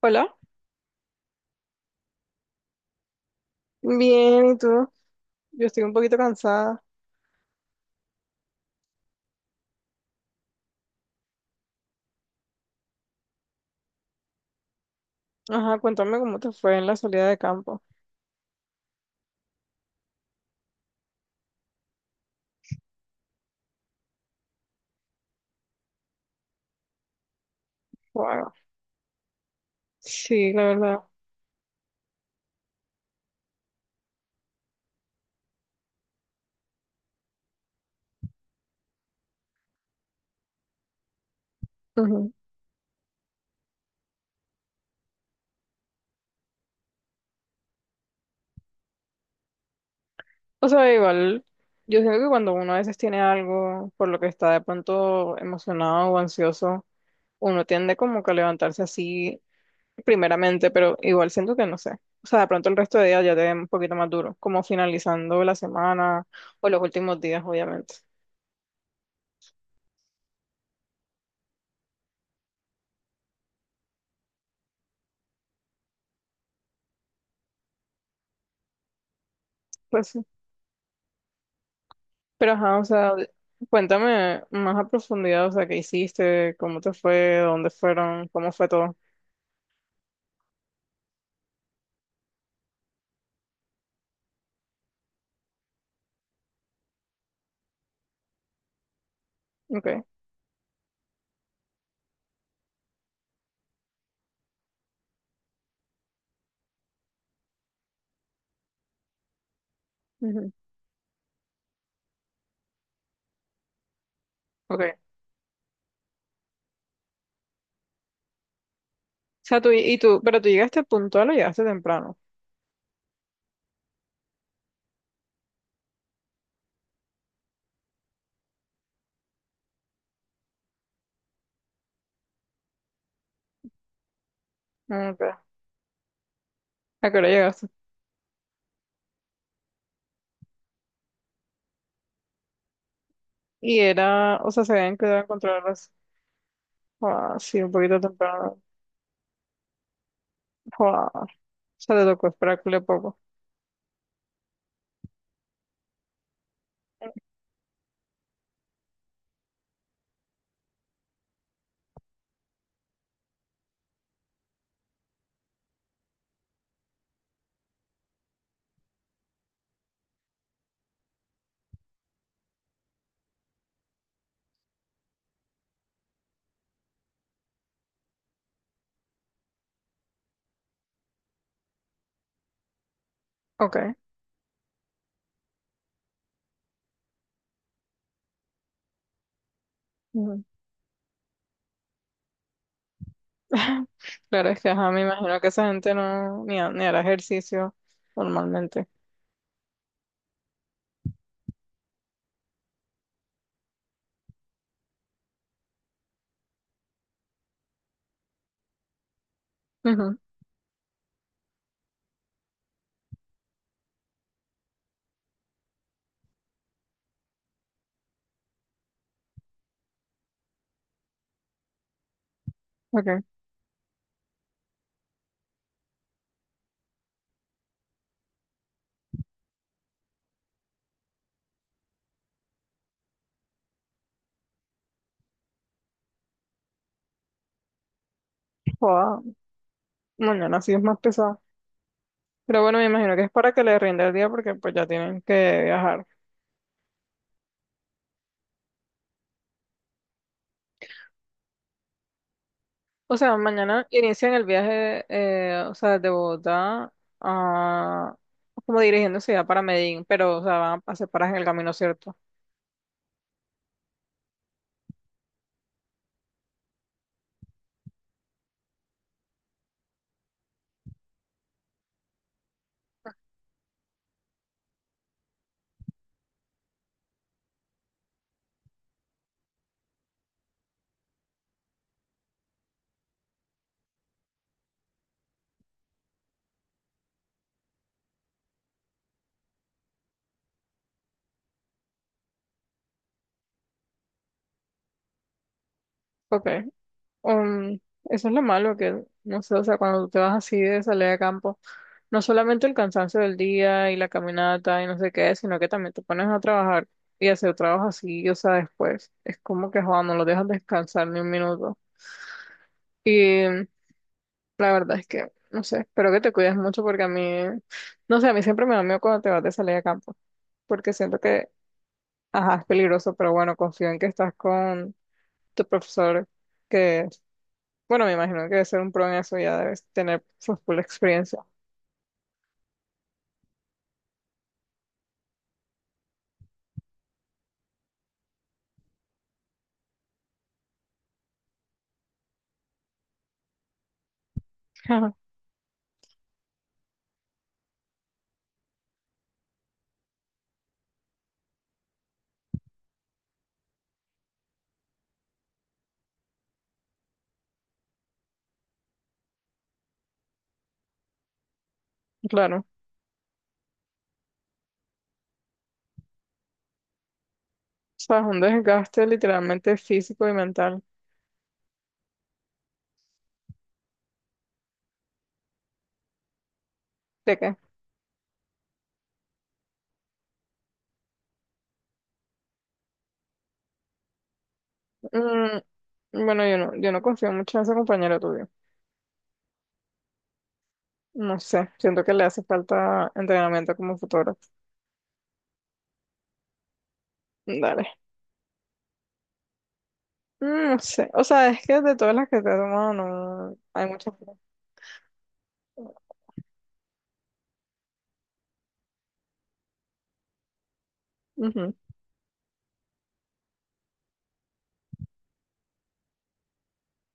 Hola, bien, ¿y tú? Yo estoy un poquito cansada. Ajá, cuéntame cómo te fue en la salida de campo. Wow. Sí, la verdad. Ujú. O sea, igual, yo siento que cuando uno a veces tiene algo por lo que está de pronto emocionado o ansioso, uno tiende como que a levantarse así primeramente, pero igual siento que no sé. O sea, de pronto el resto de días ya te ven un poquito más duro, como finalizando la semana o los últimos días, obviamente. Pues sí. Pero ajá, o sea, cuéntame más a profundidad, o sea, qué hiciste, cómo te fue, dónde fueron, cómo fue todo. Ok, ujú, ok. O sea, tú, y tú, pero tú llegaste puntual o llegaste temprano. Ok. ¿A qué hora llegaste? Y era, o sea, se habían quedado a encontrarlas. Ah, sí, un poquito temprano. Ah, o sea, te tocó esperarle poco. Ok. Ujú. Claro, es que ajá, me imagino que esa gente no, ni, ni hará ejercicio normalmente. Ujú, ok. Joda, mañana sí es más pesado. Pero bueno, me imagino que es para que le rinda el día porque pues ya tienen que viajar. O sea, mañana inician el viaje, o sea, de Bogotá a, como dirigiéndose ya para Medellín, pero o sea, van a hacer paradas en el camino, ¿cierto? Ok. Um, Eso es lo malo que, no sé, o sea, cuando tú te vas así de salir de campo, no solamente el cansancio del día y la caminata y no sé qué, sino que también te pones a trabajar y hacer trabajo así, o sea, después. Es como que, joder, no lo dejas descansar ni un minuto. La verdad es que, no sé, espero que te cuides mucho porque a mí, no sé, a mí siempre me da miedo cuando te vas de salir a campo, porque siento que, ajá, es peligroso, pero bueno, confío en que estás con tu profesor, que, bueno, me imagino que debe ser un pro en eso, ya debes tener su full experiencia. Ajá, claro, o sea, es un desgaste literalmente físico y mental. ¿De qué? Mm, bueno, yo no, yo no confío mucho en ese compañero tuyo. No sé, siento que le hace falta entrenamiento como fotógrafo. Dale. Mm, no sé, o sea, es que de todas las que te he tomado, no hay muchas fotos. Ujú.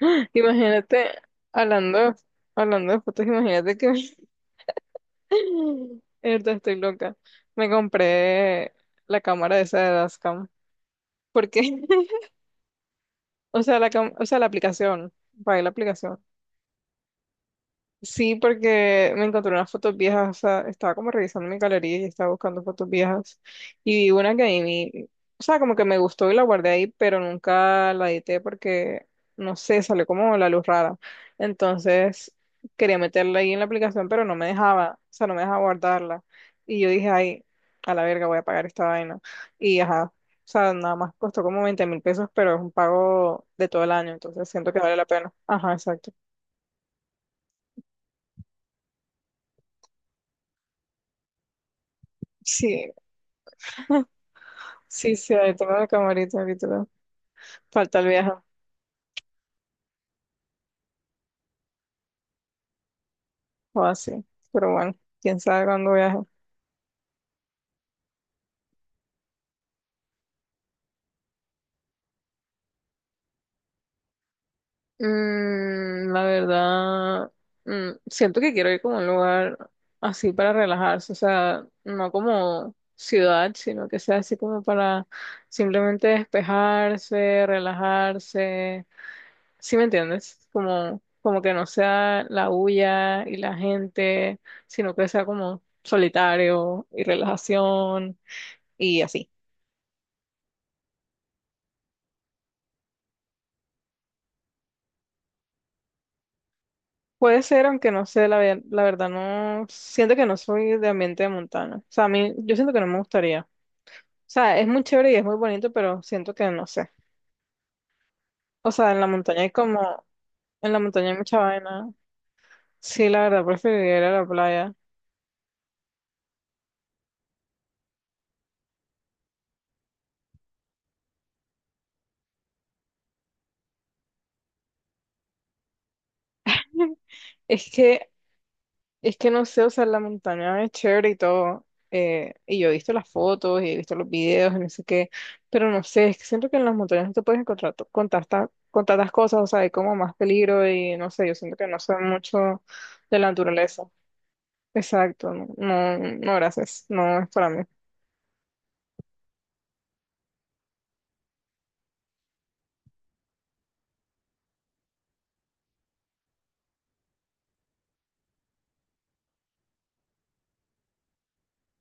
Imagínate, hablando, hablando de fotos, imagínate que ahorita estoy loca. Me compré la cámara esa de Dascam. Porque, o sea, la o sea, la aplicación. Pagué la aplicación. Sí, porque me encontré unas fotos viejas, o sea, estaba como revisando mi galería y estaba buscando fotos viejas y vi una que ahí, o sea, como que me gustó y la guardé ahí, pero nunca la edité porque, no sé, salió como la luz rara. Entonces, quería meterla ahí en la aplicación, pero no me dejaba, o sea, no me dejaba guardarla. Y yo dije, ay, a la verga, voy a pagar esta vaina. Y ajá, o sea, nada más costó como 20.000 pesos, pero es un pago de todo el año, entonces siento que vale la pena. Ajá, exacto. Sí, sí, sí, ahí tengo la camarita ahorita. Falta el viaje o así. Pero bueno, quién sabe cuándo viaje. Mm, la verdad, mm, siento que quiero ir como a un lugar así para relajarse, o sea, no como ciudad, sino que sea así como para simplemente despejarse, relajarse. ¿Sí me entiendes? Como, como que no sea la bulla y la gente, sino que sea como solitario y relajación y así. Puede ser, aunque no sé, la, la verdad no, siento que no soy de ambiente de montaña. O sea, a mí, yo siento que no me gustaría. O sea, es muy chévere y es muy bonito, pero siento que no sé. O sea, en la montaña hay como, en la montaña hay mucha vaina. Sí, la verdad, preferiría ir a la playa. Es que, es que no sé, o sea, la montaña es chévere y todo. Y yo he visto las fotos y he visto los videos y no sé qué, pero no sé, es que siento que en las montañas no te puedes encontrar con tantas cosas, o sea, hay como más peligro y no sé, yo siento que no sé mucho de la naturaleza. Exacto, no, no, no, gracias, no es para mí.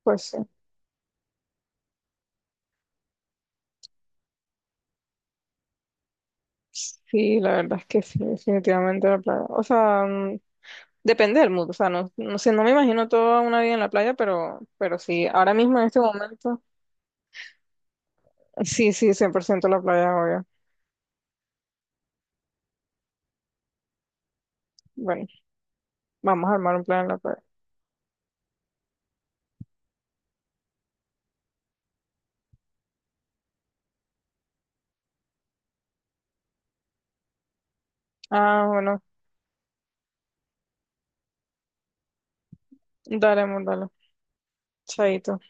Pues sí, sí, la verdad es que sí, definitivamente la playa. O sea, mm, depende del mood, o sea, no, no sé, no me imagino toda una vida en la playa, pero sí, ahora mismo en este momento. Sí, sí, 100% la playa, obvio. Bueno, vamos a armar un plan en la playa. Ah, bueno, dale, amor, dale. Chaito.